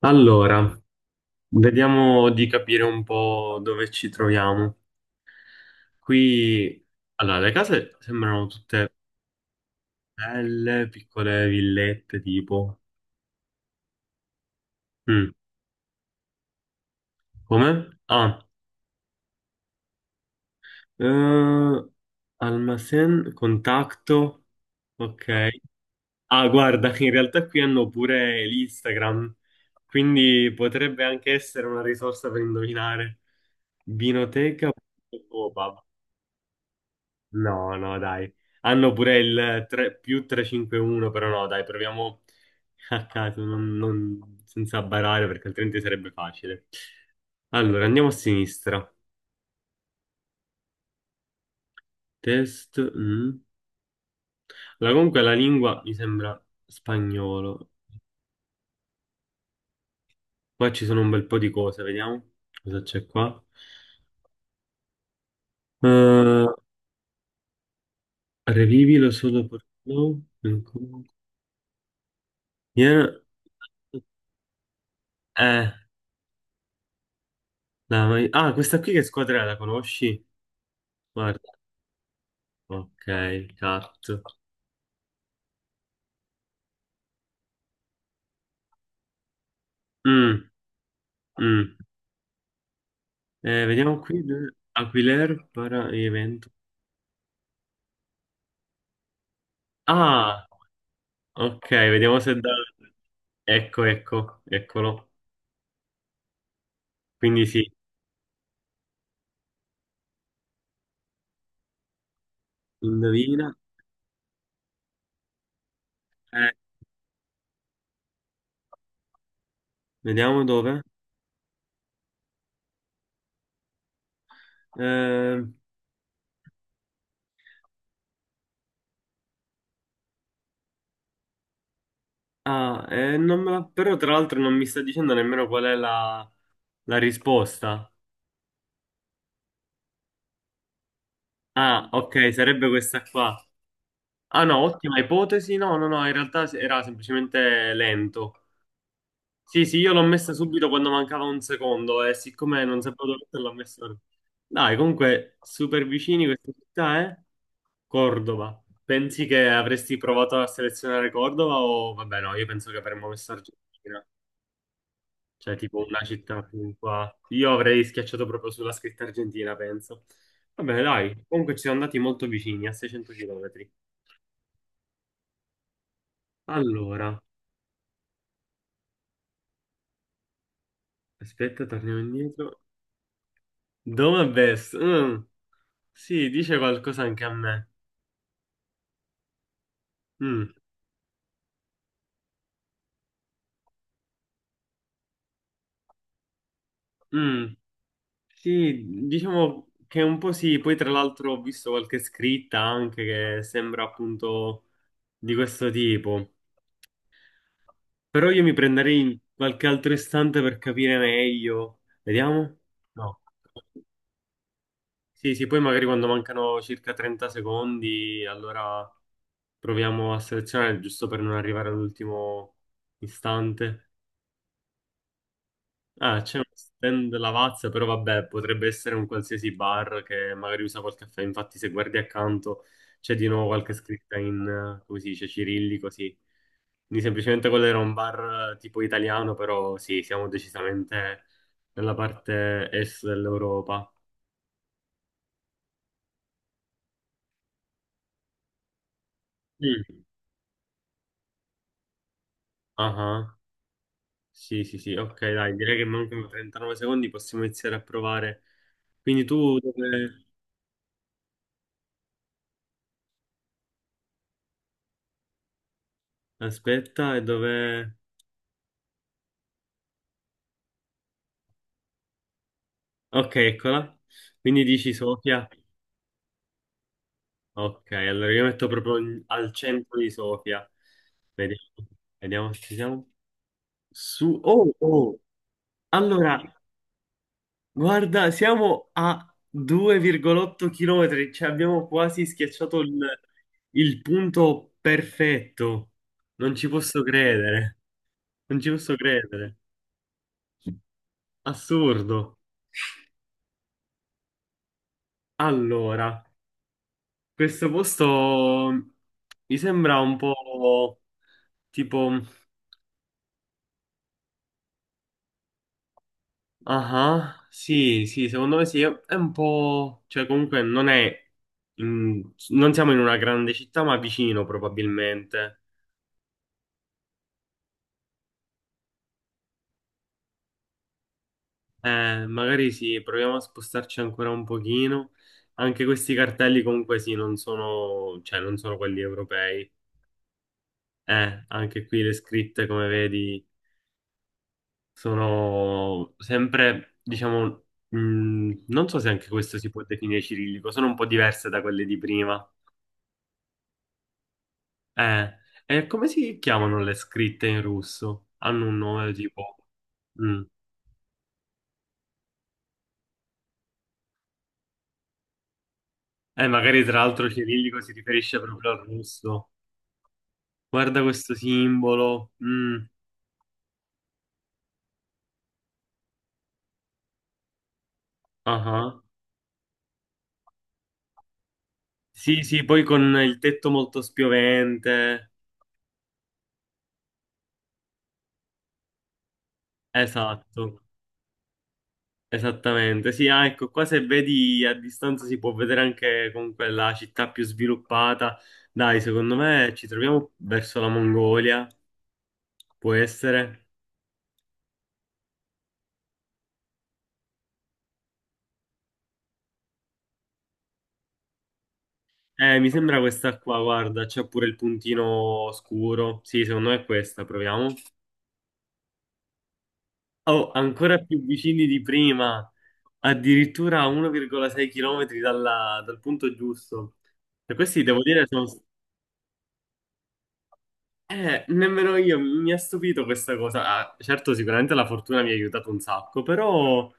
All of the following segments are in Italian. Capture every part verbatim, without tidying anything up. Allora, vediamo di capire un po' dove ci troviamo. Qui, allora, le case sembrano tutte belle, piccole villette, tipo. Mm. Come? Ah, eh, Almacén, contatto, ok. Ah, guarda, in realtà qui hanno pure l'Instagram, quindi potrebbe anche essere una risorsa per indovinare. Vinoteca.pub. No, no, dai. Hanno pure il tre, più trecentocinquantuno, però no, dai, proviamo a caso, non- non- senza barare, perché altrimenti sarebbe facile. Allora, andiamo a sinistra. Test. Mm. Allora, comunque la lingua mi sembra spagnolo. Qua ci sono un bel po' di cose, vediamo cosa c'è qua. Eh, Revivilo solo per... no, ancora. Viene- Eh, la- ah, Questa qui che squadra è? La conosci? Guarda. Ok, cat. Mm, mm. Eh, vediamo qui. Aquiler para evento. Ah, ok, vediamo se da... Ecco, ecco, eccolo. Quindi sì, indovina. Eh, Vediamo dove. Eh, ah, eh, non me la- Però tra l'altro non mi sta dicendo nemmeno qual è la, la risposta. Ah, ok, sarebbe questa qua. Ah no, ottima ipotesi. No, no, no, in realtà era semplicemente lento. Sì, sì, io l'ho messa subito quando mancava un secondo e siccome non sapevo dove metterla, l'ho messa. ora. Dai, comunque, super vicini questa città, eh? Cordova. Pensi che avresti provato a selezionare Cordova o vabbè no, io penso che avremmo messo Argentina, cioè tipo una città più qua. Io avrei schiacciato proprio sulla scritta Argentina, penso. Vabbè, dai, comunque ci siamo andati molto vicini, a seicento chilometri. Allora, aspetta, torniamo indietro. Dove best? Mm, sì, dice qualcosa anche a me. Mm, mm. Sì, diciamo che un po' sì, poi tra l'altro ho visto qualche scritta anche che sembra appunto di questo tipo, però io mi prenderei qualche altro istante per capire meglio. Vediamo? No. Sì, sì, poi magari quando mancano circa trenta secondi, allora proviamo a selezionare giusto per non arrivare all'ultimo istante. Ah, c'è uno stand Lavazza, però vabbè, potrebbe essere un qualsiasi bar che magari usa quel caffè. Infatti, se guardi accanto c'è di nuovo qualche scritta in, eh, come si dice, cirillico, sì. Quindi semplicemente quello era un bar eh, tipo italiano, però sì, siamo decisamente nella parte est dell'Europa. Mm. Ah, sì, sì, sì, ok, dai, direi che mancano trentanove secondi, possiamo iniziare a provare. Quindi tu dove... Aspetta, e dove... Ok, eccola. Quindi dici Sofia. Ok, allora io metto proprio in- al centro di Sofia. Vediamo, vediamo se ci siamo. Su. Oh, oh. Allora, guarda, siamo a due virgola otto km, cioè abbiamo quasi schiacciato il, il punto perfetto. Non ci posso credere. Non ci posso credere. Assurdo. Allora. Questo posto mi sembra un po' tipo... Ah, sì, sì, secondo me sì, è un po'... Cioè comunque non è... in- Non siamo in una grande città, ma vicino probabilmente. Eh, magari sì, proviamo a spostarci ancora un pochino. Anche questi cartelli comunque sì, non sono... cioè non sono quelli europei. Eh, anche qui le scritte, come vedi... Sono sempre, diciamo, mh, non so se anche questo si può definire cirillico, sono un po' diverse da quelle di prima. Eh, e come si chiamano le scritte in russo? Hanno un nome tipo... Mm. Eh, magari tra l'altro cirillico si riferisce proprio al russo. Guarda questo simbolo. Mm. Ah ah. Sì, sì, poi con il tetto molto spiovente. Esatto. Esattamente, sì, ah, ecco, qua se vedi a distanza si può vedere anche comunque la città più sviluppata. Dai, secondo me ci troviamo verso la Mongolia, può essere. Eh, mi sembra questa qua, guarda, c'è pure il puntino scuro. Sì, secondo me è questa, proviamo. Oh, ancora più vicini di prima, addirittura a uno virgola sei km dal punto giusto. E questi, devo dire, sono, Eh, nemmeno io mi mi ha stupito questa cosa. Ah, certo, sicuramente la fortuna mi ha aiutato un sacco, però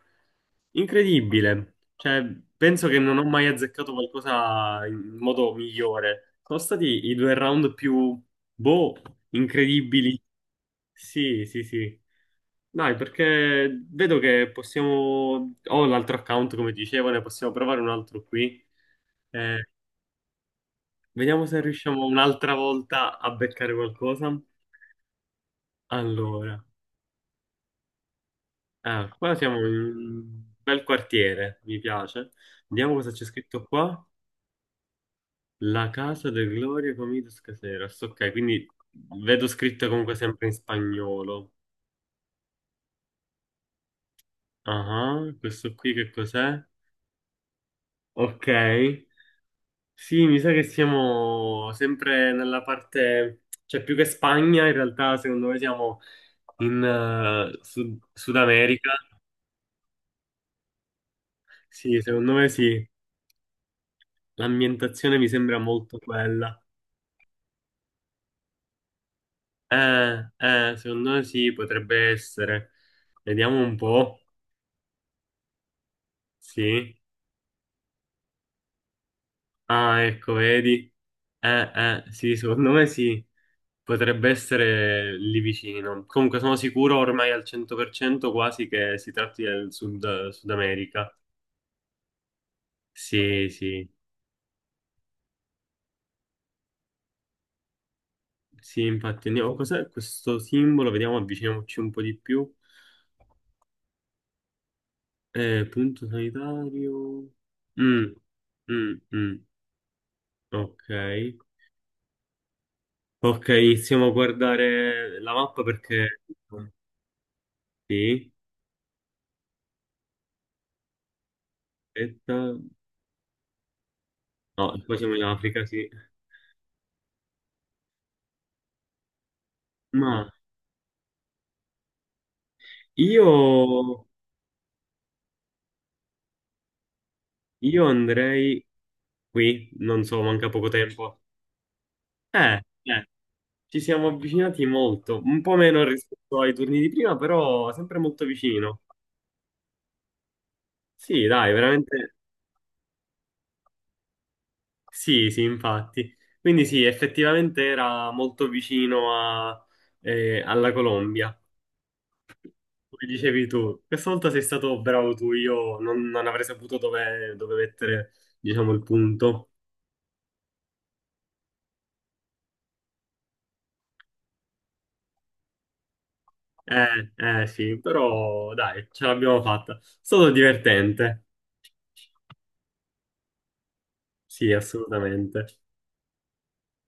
incredibile. Cioè, penso che non ho mai azzeccato qualcosa in modo migliore. Sono stati i due round più, boh, incredibili. Sì, sì, sì. Dai, perché vedo che possiamo... Ho l'altro account, come dicevo, ne possiamo provare un altro qui. Eh, Vediamo se riusciamo un'altra volta a beccare qualcosa. Allora. Ah, qua siamo in un bel quartiere, mi piace. Vediamo cosa c'è scritto qua. La casa del Gloria Comidas Caseras. Ok, quindi vedo scritto comunque sempre in spagnolo. Ah, questo qui che cos'è? Ok. Sì, mi sa che siamo sempre nella parte... Cioè, più che Spagna, in realtà, secondo me siamo in eh, Sud Sud America. Sì, secondo me sì. L'ambientazione mi sembra molto quella. Eh, eh, secondo me sì, potrebbe essere. Vediamo un po'. Sì. Ah, ecco, vedi. Eh, eh, sì, secondo me sì. Potrebbe essere lì vicino. Comunque sono sicuro ormai al cento per cento quasi che si tratti del Sud, Sud America. Sì, sì. Sì, infatti. Andiamo. Cos'è questo simbolo? Vediamo, avviciniamoci un po' di più. Eh, punto sanitario. Mm, mm, mm. Ok. Ok, stiamo a guardare la mappa perché... Sì, aspetta. No, qua siamo in Africa, sì. Ma io, io andrei qui, non so, manca poco tempo. Eh, eh, Ci siamo avvicinati molto, un po' meno rispetto ai turni di prima, però sempre molto vicino. Sì, dai, veramente. Sì, sì, infatti. Quindi sì, effettivamente era molto vicino a- eh, alla Colombia. Come dicevi tu, questa volta sei stato bravo tu, io non, non avrei saputo dove, dove mettere, diciamo, il punto. Eh, eh sì, però dai, ce l'abbiamo fatta. È stato divertente. Sì, assolutamente.